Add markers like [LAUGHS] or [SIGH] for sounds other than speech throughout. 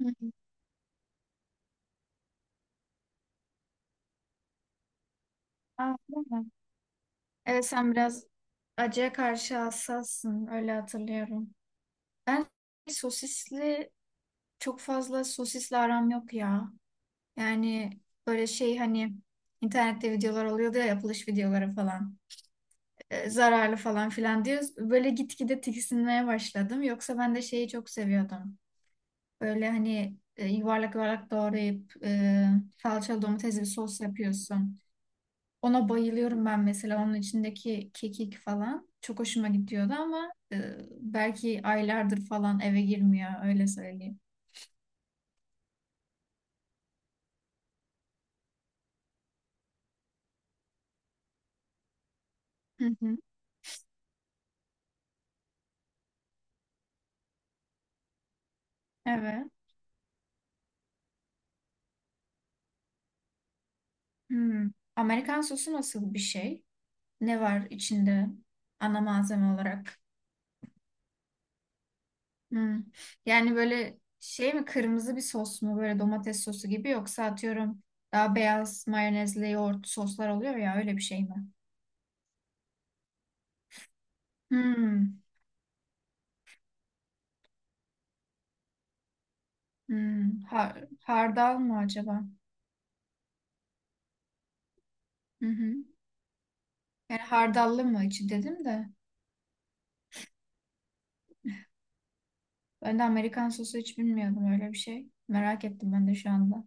Hı hı. Aa, değil mi? Evet, sen biraz acıya karşı hassassın, öyle hatırlıyorum. Ben sosisli çok fazla sosisli aram yok ya. Yani böyle şey, hani internette videolar oluyordu ya, yapılış videoları falan. Zararlı falan filan diyoruz. Böyle gitgide tiksinmeye başladım. Yoksa ben de şeyi çok seviyordum. Böyle hani yuvarlak yuvarlak doğrayıp salçalı domatesli bir sos yapıyorsun. Ona bayılıyorum, ben mesela onun içindeki kekik falan çok hoşuma gidiyordu, ama belki aylardır falan eve girmiyor, öyle söyleyeyim. Hı hı. Evet. Hmm. Amerikan sosu nasıl bir şey? Ne var içinde ana malzeme olarak? Hmm. Yani böyle şey mi, kırmızı bir sos mu, böyle domates sosu gibi, yoksa atıyorum daha beyaz mayonezli yoğurt soslar oluyor ya, öyle bir şey mi? Hmm. Hmm. Hardal mı acaba? Hı hı. Yani hardallı mı içi, dedim de. Ben de Amerikan sosu hiç bilmiyordum öyle bir şey. Merak ettim ben de şu anda.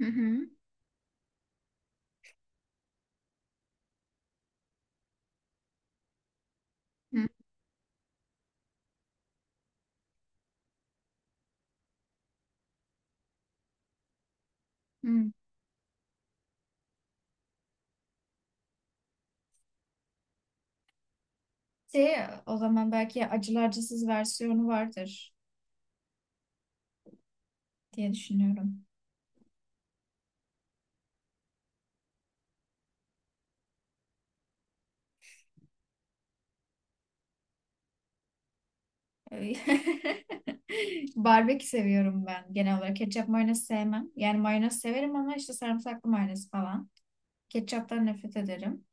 Hı hı. Hı hı. Şey, O zaman belki acılı acısız versiyonu vardır diye düşünüyorum. Ee, [LAUGHS] Barbekü seviyorum ben genel olarak. Ketçap mayonez sevmem. Yani mayonez severim, ama işte sarımsaklı mayonez falan. Ketçaptan nefret ederim.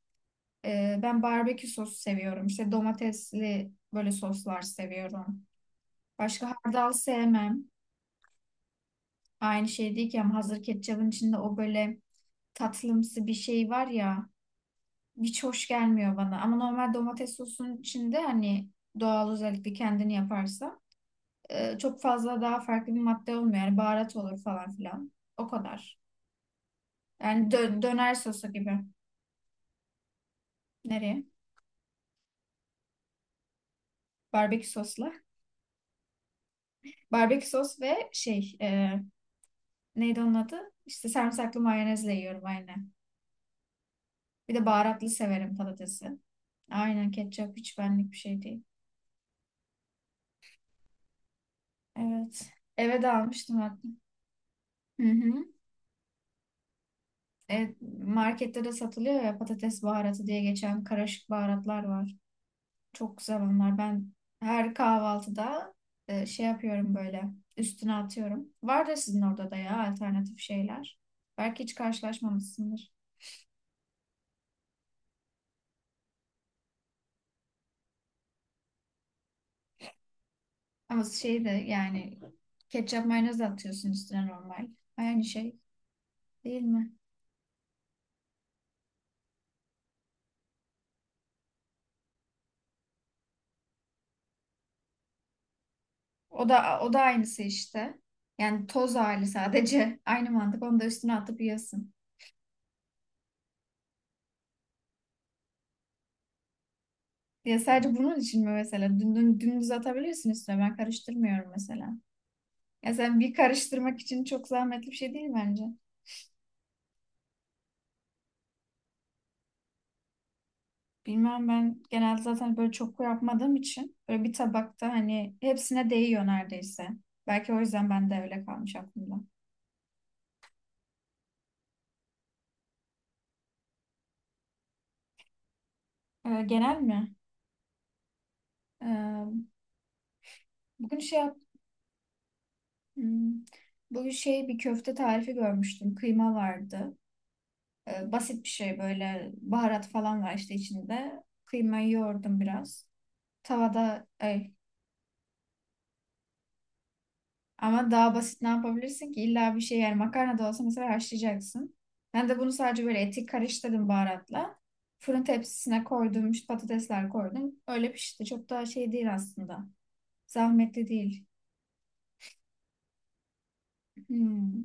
Ben barbekü sosu seviyorum. İşte domatesli böyle soslar seviyorum. Başka hardal sevmem. Aynı şey değil ki, ama hazır ketçabın içinde o böyle tatlımsı bir şey var ya, hiç hoş gelmiyor bana. Ama normal domates sosunun içinde, hani doğal, özellikle kendini yaparsa çok fazla daha farklı bir madde olmuyor. Yani baharat olur falan filan. O kadar. Yani döner sosu gibi. Nereye? Barbekü sosla. Barbekü sos ve şey, neydi onun adı? İşte sarımsaklı mayonezle yiyorum aynen. Bir de baharatlı severim patatesi. Aynen, ketçap hiç benlik bir şey değil. Evet. Eve de almıştım hatta. Hı hı. Evet, markette de satılıyor ya, patates baharatı diye geçen karışık baharatlar var. Çok güzel onlar. Ben her kahvaltıda şey yapıyorum, böyle üstüne atıyorum. Var da sizin orada da ya, alternatif şeyler. Belki hiç karşılaşmamışsındır. Ama şey de, yani ketçap mayonez de atıyorsun üstüne normal. Aynı şey değil mi? O da aynısı işte. Yani toz hali sadece, [LAUGHS] aynı mantık. Onu da üstüne atıp yiyorsun. Ya sadece bunun için mi mesela? Dümdüz atabilirsin üstüne. Ben karıştırmıyorum mesela. Ya sen, bir karıştırmak için çok zahmetli bir şey değil bence. Bilmem, ben genelde zaten böyle çok yapmadığım için böyle bir tabakta hani hepsine değiyor neredeyse. Belki o yüzden ben de öyle kalmış aklımda. Genel mi? Ee, bugün şey yap hmm, Bugün şey bir köfte tarifi görmüştüm. Kıyma vardı. Basit bir şey, böyle baharat falan var işte içinde. Kıymayı yoğurdum biraz. Tavada ama daha basit ne yapabilirsin ki? İlla bir şey, yani makarna da olsa mesela haşlayacaksın. Ben de bunu sadece böyle eti karıştırdım baharatla. Fırın tepsisine koydum, işte patatesler koydum. Öyle pişti. Çok daha şey değil aslında. Zahmetli değil. Hmm.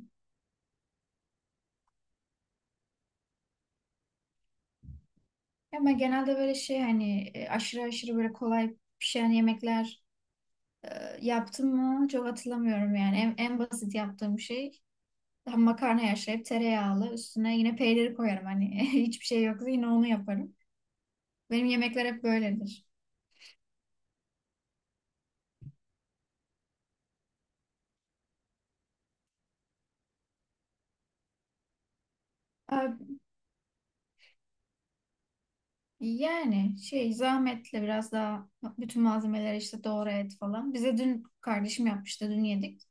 Ama genelde böyle şey, hani aşırı aşırı böyle kolay pişen yemekler e, yaptım mı çok hatırlamıyorum yani. En basit yaptığım şey, tam makarna haşlayıp tereyağlı üstüne yine peyniri koyarım hani, [LAUGHS] hiçbir şey yoksa yine onu yaparım. Benim yemekler hep böyledir. Ee, Yani şey, zahmetli biraz daha, bütün malzemeleri işte doğru et falan. Bize dün kardeşim yapmıştı, dün yedik.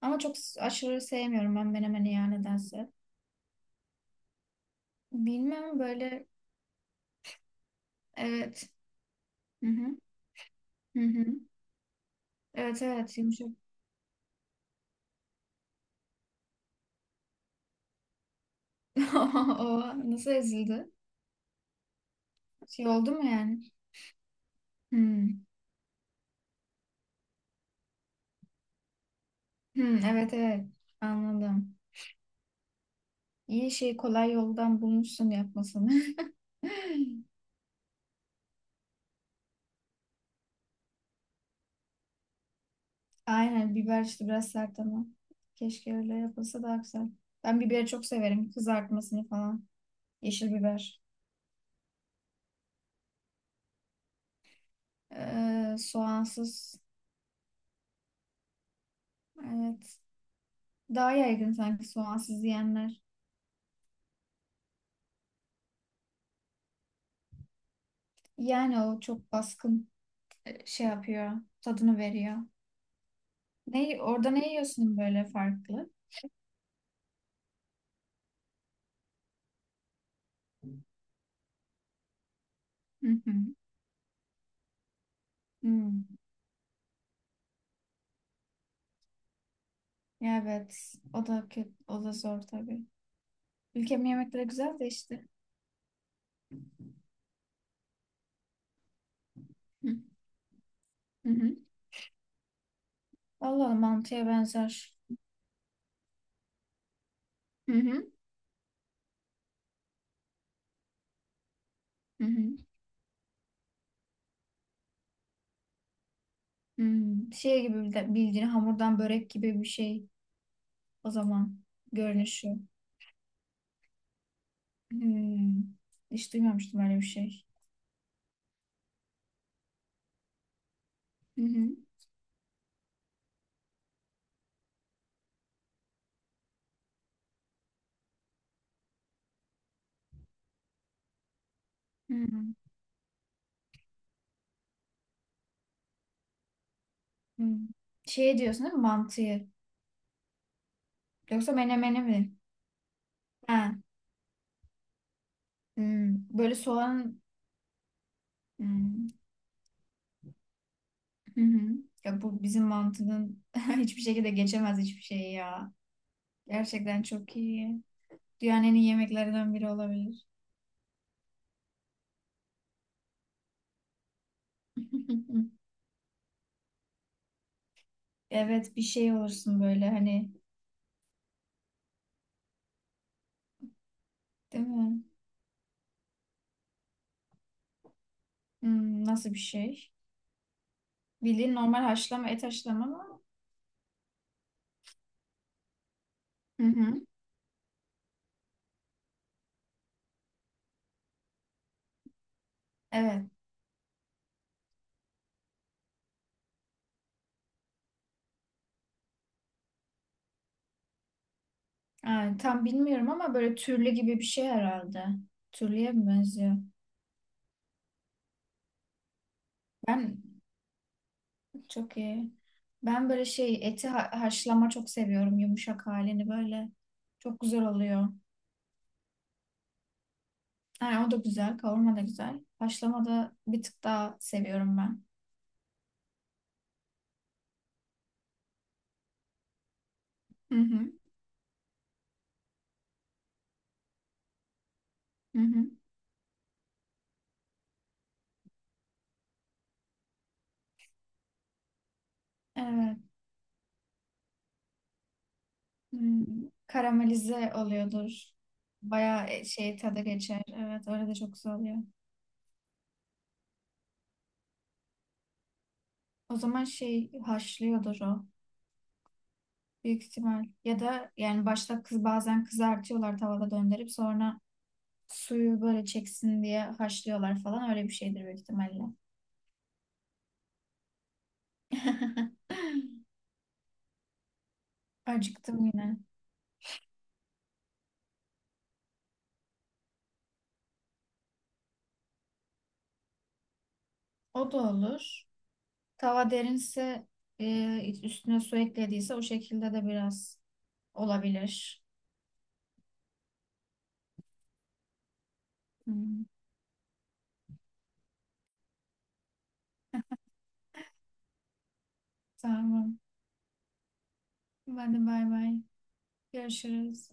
Ama çok aşırı sevmiyorum ben menemeni ya, nedense. Bilmem, böyle. Evet. Hı hı. Hı hı. Evet, evet, yumuşak. [LAUGHS] O nasıl ezildi? Şey oldu mu yani? Hmm. Hmm, evet, evet, anladım. İyi şey, kolay yoldan bulmuşsun yapmasını. [LAUGHS] Aynen, biber işte biraz sert ama. Keşke öyle yapılsa daha güzel. Ben biberi çok severim. Kızartmasını falan. Yeşil biber. Soğansız. Evet. Daha yaygın sanki soğansız yiyenler. Yani o çok baskın şey yapıyor. Tadını veriyor. Orada ne yiyorsun böyle farklı? Hı hı. Hmm. Evet. O da kötü. O da zor tabii. Ülkemin yemekleri güzel de işte. Hı hı. Hı. Vallahi mantıya benzer. Hı hı. Hı hı. Hmm, şey gibi, bildiğin hamurdan börek gibi bir şey, o zaman görünüşü. Hmm, hiç duymamıştım öyle bir şey. Hı hı. Hı. Hmm. Şey diyorsun değil mi, mantıyı? Yoksa menemeni mi? Ha, böyle soğan... Hmm, hı hı. Ya bu bizim mantının [LAUGHS] hiçbir şekilde geçemez, hiçbir şey ya. Gerçekten çok iyi. Dünyanın en iyi yemeklerinden biri olabilir. [LAUGHS] Evet, bir şey olursun böyle hani, değil mi? Hmm, nasıl bir şey? Bildiğin normal haşlama, et haşlama mı? Hı hı. Evet. Yani tam bilmiyorum, ama böyle türlü gibi bir şey herhalde. Türlüye mi benziyor? Ben çok iyi. Ben böyle şey, eti haşlama çok seviyorum. Yumuşak halini böyle. Çok güzel oluyor. Yani o da güzel. Kavurma da güzel. Haşlama da bir tık daha seviyorum ben. Hı hı. Hı hı. Evet. Hmm. Karamelize oluyordur. Bayağı şey tadı geçer. Evet, öyle de çok güzel oluyor. O zaman şey haşlıyordur o. Büyük ihtimal. Ya da yani başta kız, bazen kızartıyorlar tavada döndürüp sonra suyu böyle çeksin diye haşlıyorlar falan, öyle bir şeydir büyük ihtimalle. [LAUGHS] Acıktım yine. O da olur. Tava derinse üstüne su eklediyse o şekilde de biraz olabilir. Hmm, tamam. Hadi bay bay. Görüşürüz.